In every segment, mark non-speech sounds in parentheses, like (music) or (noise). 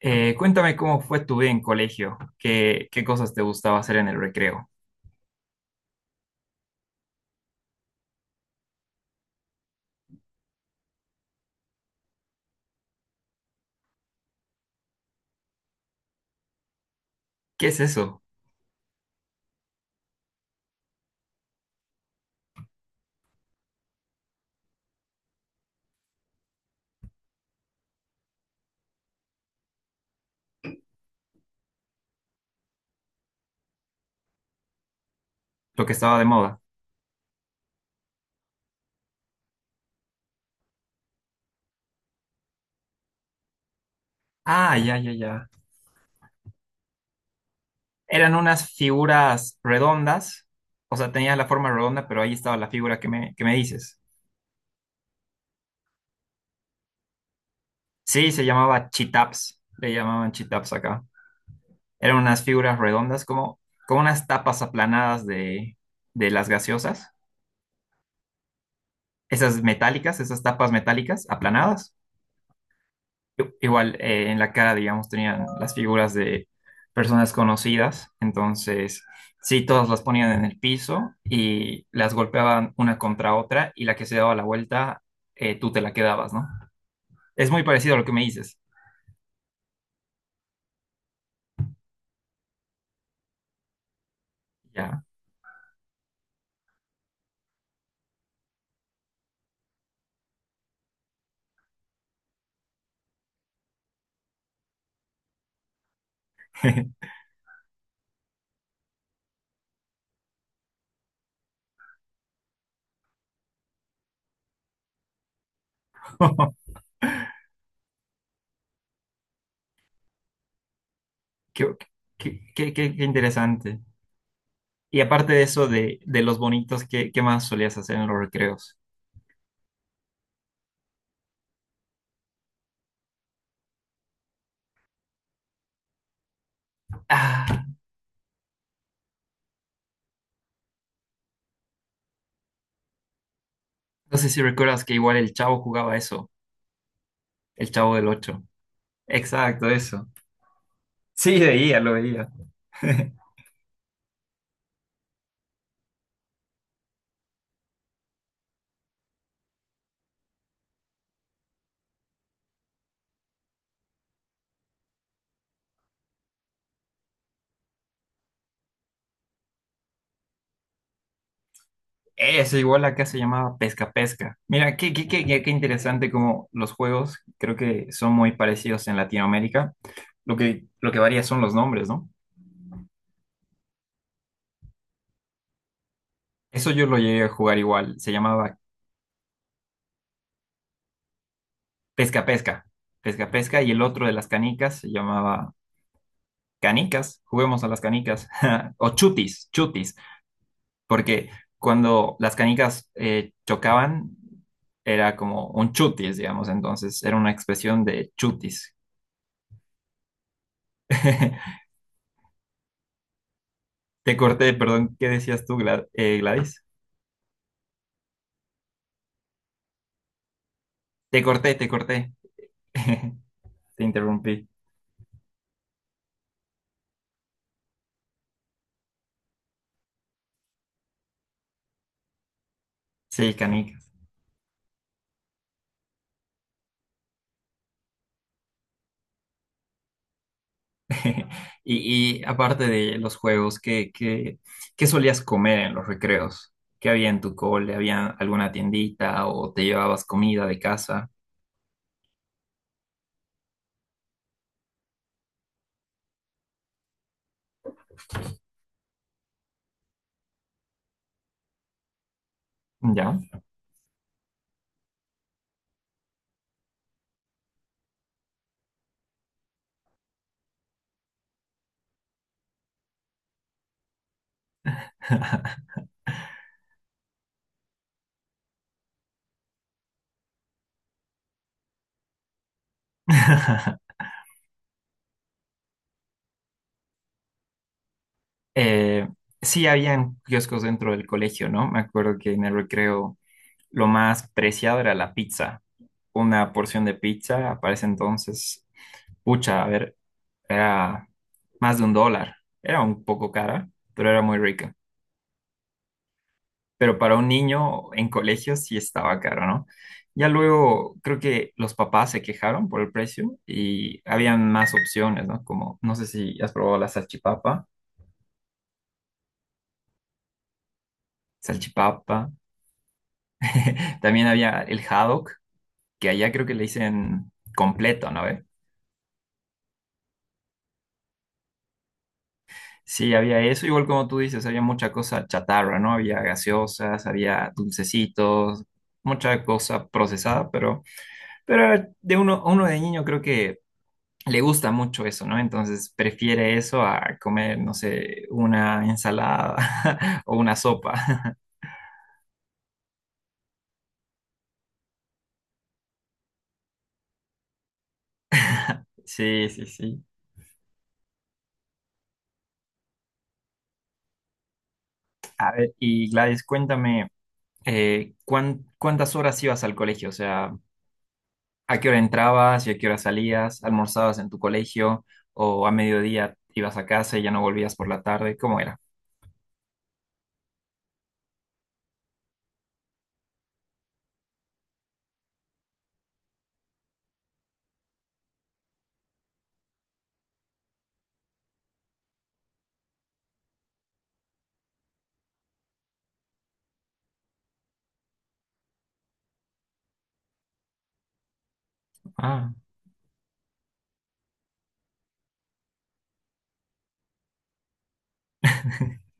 Cuéntame cómo fue tu vida en colegio, qué cosas te gustaba hacer en el recreo. ¿Qué es eso? Lo que estaba de moda. Ah, ya, ya, ya. Eran unas figuras redondas, o sea, tenía la forma redonda, pero ahí estaba la figura que me dices. Sí, se llamaba chitaps, le llamaban chitaps acá. Eran unas figuras redondas como, como unas tapas aplanadas de las gaseosas, esas metálicas, esas tapas metálicas aplanadas. Igual en la cara, digamos, tenían las figuras de personas conocidas, entonces sí, todas las ponían en el piso y las golpeaban una contra otra y la que se daba la vuelta, tú te la quedabas, ¿no? Es muy parecido a lo que me dices. Ya. (laughs) Qué, qué interesante. Y aparte de eso, de los bonitos, ¿qué más solías hacer en los recreos? Ah, no sé si recuerdas que igual el Chavo jugaba eso, el Chavo del Ocho. Exacto, eso. Sí, veía, lo veía. (laughs) Eso, igual acá se llamaba pesca pesca. Mira, qué interesante como los juegos creo que son muy parecidos en Latinoamérica. Lo que varía son los nombres, ¿no? Eso yo lo llegué a jugar igual. Se llamaba pesca pesca. Pesca pesca y el otro de las canicas se llamaba canicas. Juguemos a las canicas. (laughs) O chutis, chutis. Porque cuando las canicas chocaban, era como un chutis, digamos. Entonces era una expresión de chutis. (laughs) Te corté, perdón, ¿qué decías tú, Gladys? Te corté, te corté. (laughs) Te interrumpí. Sí, canicas. (laughs) Y, y aparte de los juegos, ¿qué solías comer en los recreos? ¿Qué había en tu cole? ¿Había alguna tiendita o te llevabas comida de casa? ¿Ya? (laughs) Eh, sí, habían kioscos dentro del colegio, ¿no? Me acuerdo que en el recreo lo más preciado era la pizza. Una porción de pizza, para ese entonces, pucha, a ver, era más de un dólar. Era un poco cara, pero era muy rica. Pero para un niño en colegio sí estaba caro, ¿no? Ya luego creo que los papás se quejaron por el precio y habían más opciones, ¿no? Como, no sé si has probado la salchipapa, salchipapa. También había el haddock, que allá creo que le dicen completo, ¿no? Sí, había eso, igual como tú dices, había mucha cosa chatarra, ¿no? Había gaseosas, había dulcecitos, mucha cosa procesada, pero era de uno, a uno de niño creo que le gusta mucho eso, ¿no? Entonces prefiere eso a comer, no sé, una ensalada (laughs) o una sopa. (laughs) Sí, sí, sí. A ver, y Gladys, cuéntame, ¿cuán- cuántas horas ibas al colegio? O sea, ¿a qué hora entrabas y a qué hora salías? ¿Almorzabas en tu colegio o a mediodía ibas a casa y ya no volvías por la tarde? ¿Cómo era? Ah, (laughs)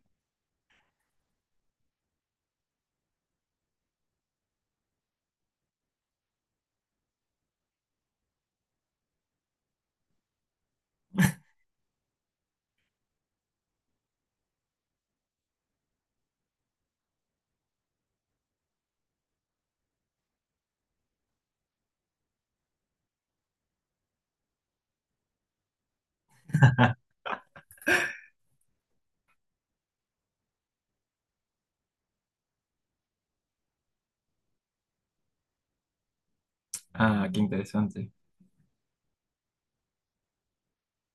ah, qué interesante.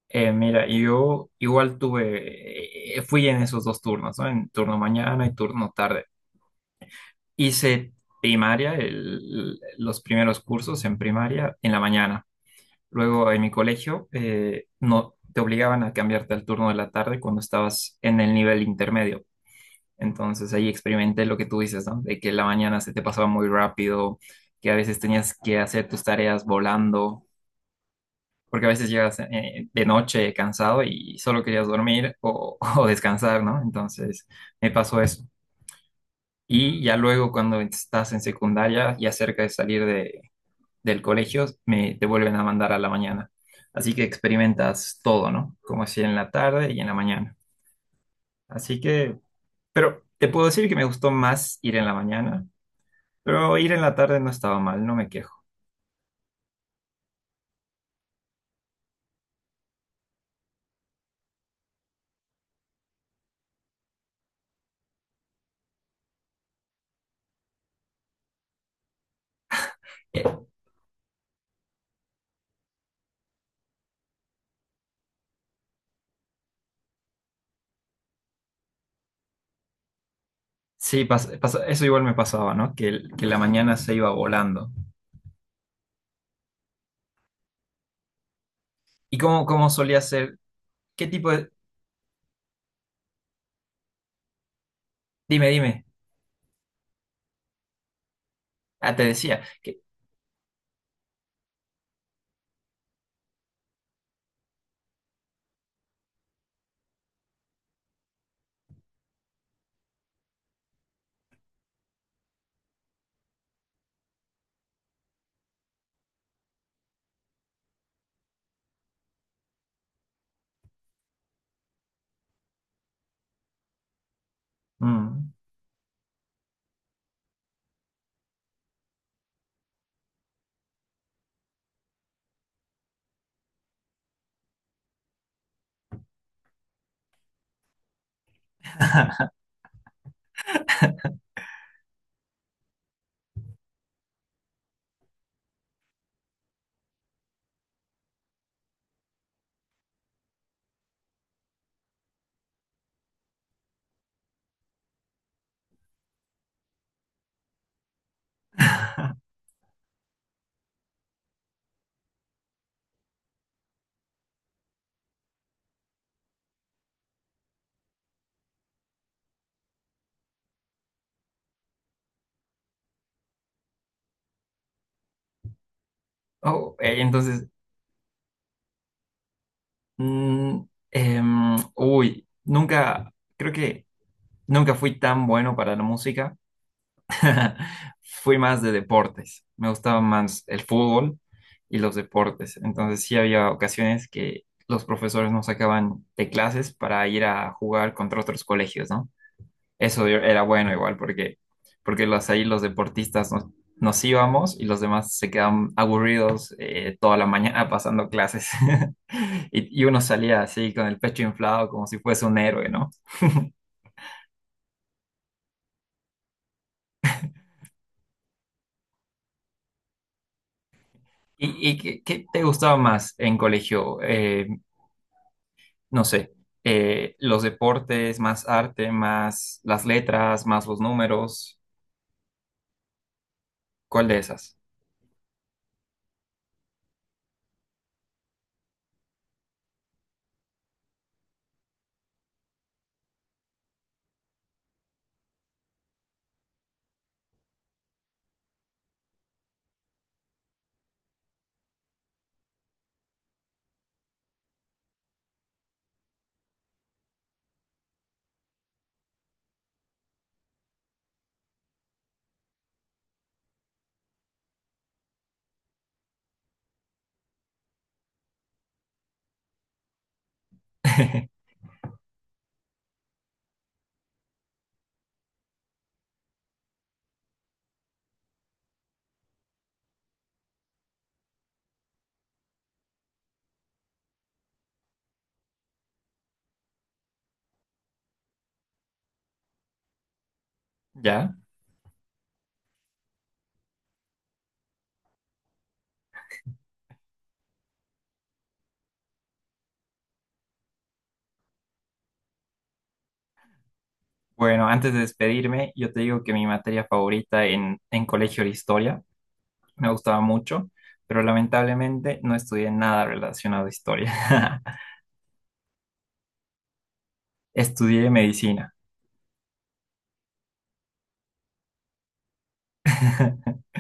Mira, yo igual tuve, fui en esos dos turnos, ¿no? En turno mañana y turno tarde. Hice primaria, los primeros cursos en primaria en la mañana. Luego en mi colegio no te obligaban a cambiarte al turno de la tarde cuando estabas en el nivel intermedio. Entonces ahí experimenté lo que tú dices, ¿no? De que la mañana se te pasaba muy rápido, que a veces tenías que hacer tus tareas volando, porque a veces llegas de noche cansado y solo querías dormir o, (laughs) o descansar, ¿no? Entonces me pasó eso. Y ya luego cuando estás en secundaria y cerca de salir de, del colegio, te vuelven a mandar a la mañana. Así que experimentas todo, ¿no? Como si en la tarde y en la mañana. Así que, pero te puedo decir que me gustó más ir en la mañana. Pero ir en la tarde no estaba mal, no me quejo. Eh, sí, eso igual me pasaba, ¿no? Que, que la mañana se iba volando. ¿Y cómo solía ser? ¿Qué tipo de...? Dime, dime. Ah, te decía que... Mm. (laughs) Oh, entonces, mm, nunca, creo que nunca fui tan bueno para la música. (laughs) Fui más de deportes. Me gustaba más el fútbol y los deportes. Entonces sí había ocasiones que los profesores nos sacaban de clases para ir a jugar contra otros colegios, ¿no? Era bueno igual porque, porque ahí los deportistas nos íbamos y los demás se quedaban aburridos toda la mañana pasando clases. (laughs) Y, y uno salía así con el pecho inflado como si fuese un héroe, ¿no? Y qué, qué te gustaba más en colegio? No sé, los deportes, más arte, más las letras, más los números, ¿cuál de esas? (laughs) ¿Ya? Bueno, antes de despedirme, yo te digo que mi materia favorita en colegio era historia, me gustaba mucho, pero lamentablemente no estudié nada relacionado a historia. (laughs) Estudié medicina. (laughs)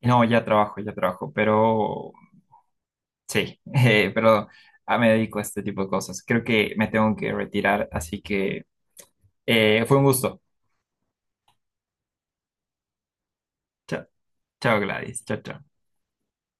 No, ya trabajo, pero sí, (laughs) pero ah, me dedico a este tipo de cosas. Creo que me tengo que retirar, así que fue un gusto. Chao. Chao, Gladys. Chao, chao.